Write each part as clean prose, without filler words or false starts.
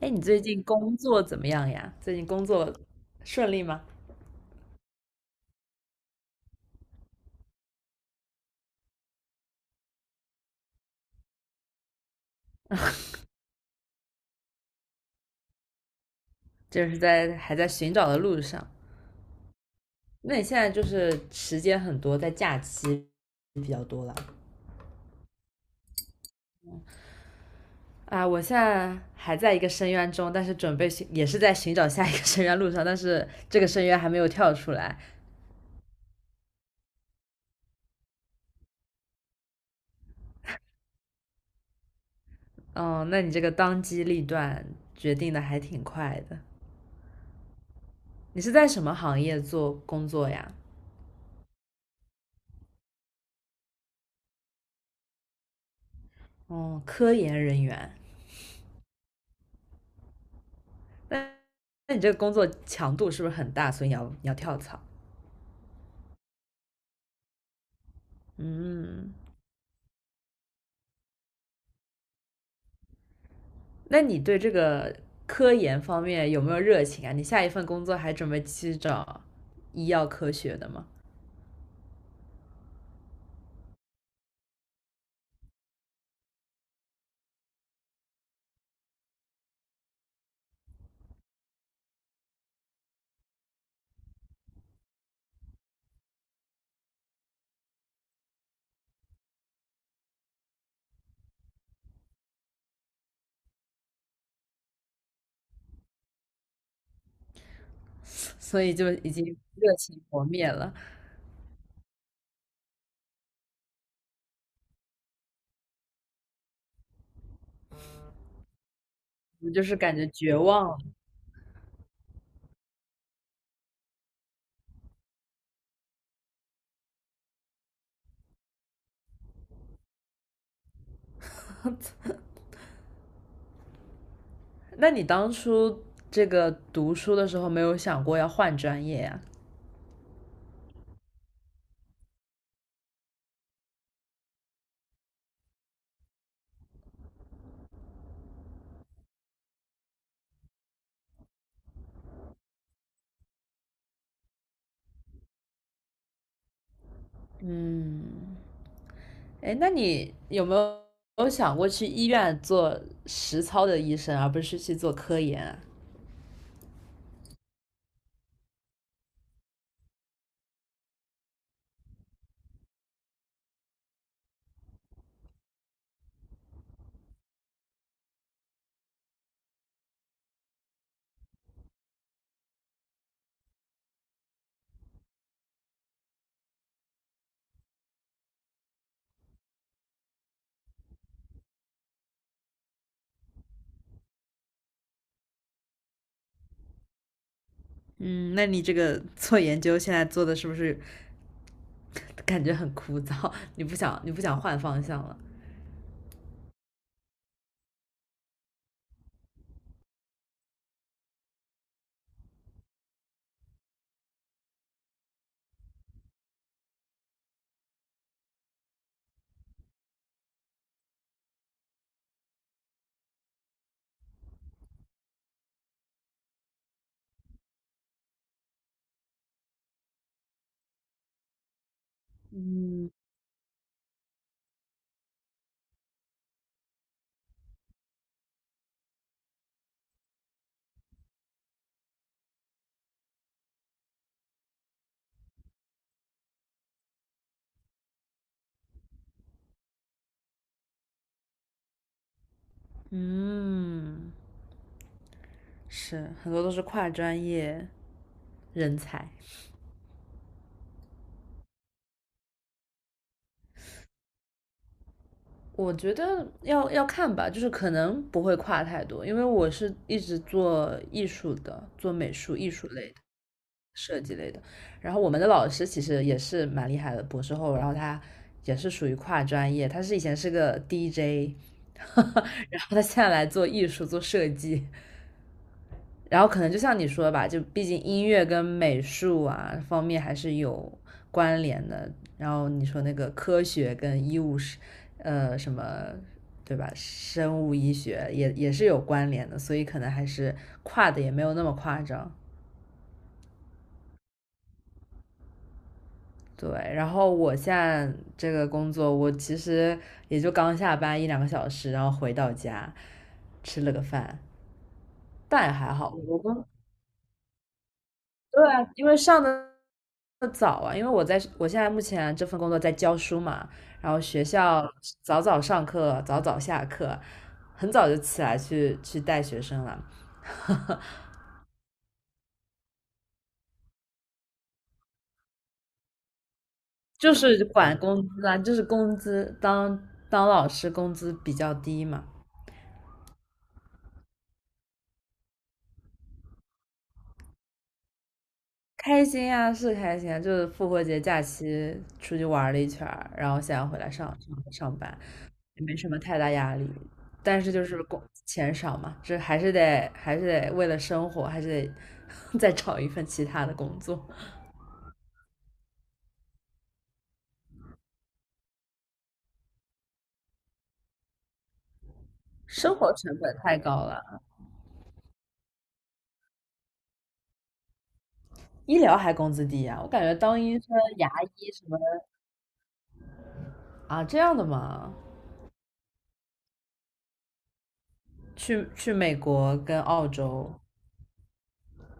哎，你最近工作怎么样呀？最近工作顺利吗？就是还在寻找的路上。那你现在就是时间很多，在假期比较多了啊。我现在还在一个深渊中，但是准备寻也是在寻找下一个 深渊路上，但是这个深渊还没有跳出来。嗯，那你这个当机立断决定的还挺快的。你是在什么行业做工作呀？哦，科研人员。那那你这个工作强度是不是很大？所以你要跳槽？嗯，那你对这个科研方面有没有热情啊？你下一份工作还准备去找医药科学的吗？所以就已经热情磨灭了，我就是感觉绝望了。那你当初这个读书的时候没有想过要换专业呀、嗯，哎，那你有没有想过去医院做实操的医生，而不是去做科研啊？嗯，那你这个做研究现在做的是不是感觉很枯燥？你不想换方向了？嗯，是，很多都是跨专业人才。我觉得要看吧，就是可能不会跨太多，因为我是一直做艺术的，做美术、艺术类的、设计类的。然后我们的老师其实也是蛮厉害的，博士后，然后他也是属于跨专业，他以前是个 DJ,然后他现在来做艺术、做设计。然后可能就像你说吧，就毕竟音乐跟美术啊方面还是有关联的。然后你说那个科学跟医务是，什么对吧？生物医学也是有关联的，所以可能还是跨的也没有那么夸张。对，然后我现在这个工作，我其实也就刚下班一两个小时，然后回到家吃了个饭，但也还好。对啊，因为上的早啊，因为我现在目前这份工作在教书嘛，然后学校早早上课，早早下课，很早就起来去带学生了，就是管工资啊，就是工资当老师工资比较低嘛，开心呀，是开心啊，就是复活节假期出去玩了一圈儿，然后现在回来上班，也没什么太大压力。但是就是工钱少嘛，这还是得为了生活，还是得 再找一份其他的工作。生活成本太高了，医疗还工资低呀、我感觉当医生、牙医什么的啊，这样的嘛，去美国跟澳洲，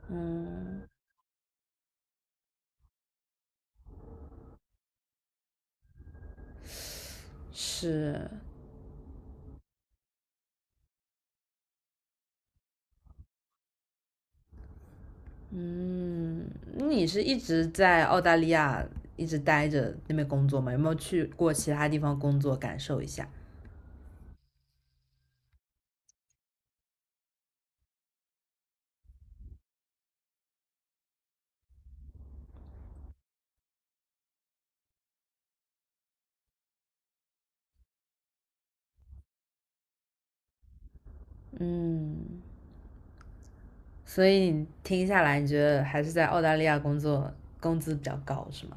嗯，是。嗯，你是一直在澳大利亚一直待着那边工作吗？有没有去过其他地方工作感受一下？嗯，所以你听下来，你觉得还是在澳大利亚工作工资比较高是吗？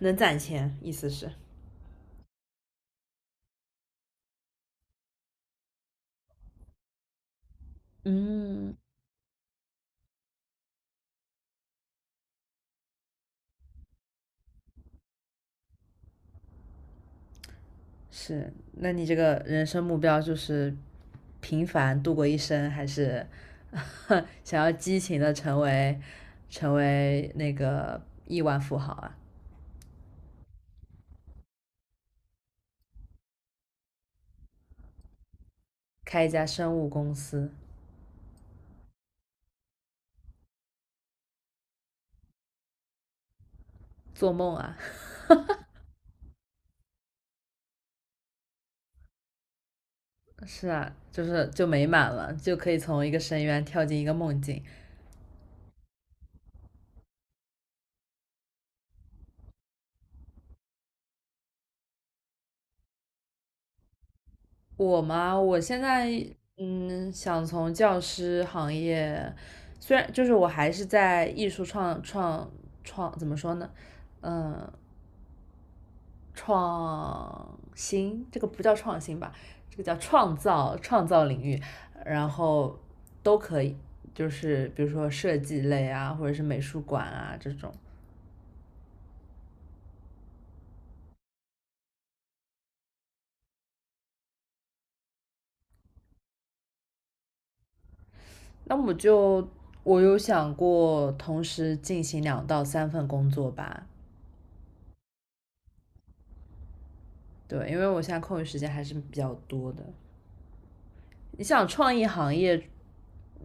能攒钱，意思是？嗯，是。那你这个人生目标就是平凡度过一生，还是 想要激情的成为那个亿万富豪啊？开一家生物公司。做梦啊，是啊，就美满了，就可以从一个深渊跳进一个梦境。我嘛，我现在想从教师行业，虽然就是我还是在艺术创创创，怎么说呢？嗯，创新这个不叫创新吧，这个叫创造领域，然后都可以，就是比如说设计类啊，或者是美术馆啊这种。那我就我有想过同时进行两到三份工作吧，对，因为我现在空余时间还是比较多的。你想创意行业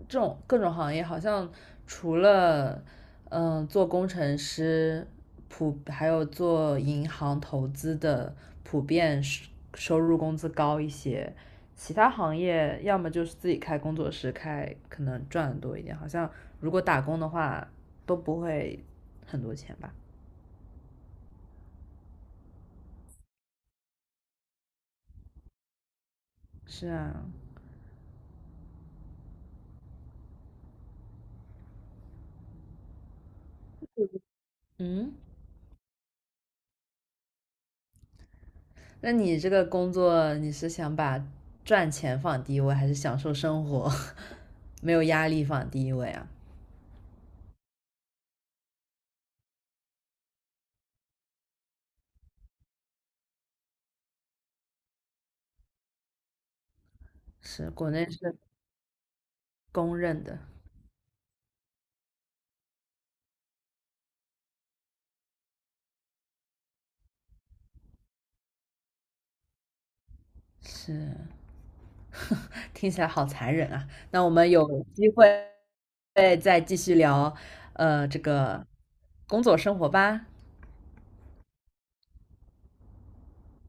这种各种行业好像除了做工程师,还有做银行投资的普遍收入工资高一些，其他行业要么就是自己开工作室，可能赚的多一点。好像如果打工的话都不会很多钱吧？是啊，嗯，那你这个工作你是想把赚钱放第一位，还是享受生活 没有压力放第一位啊？是，国内是公认的，是，听起来好残忍啊。那我们有机会再继续聊，这个工作生活吧。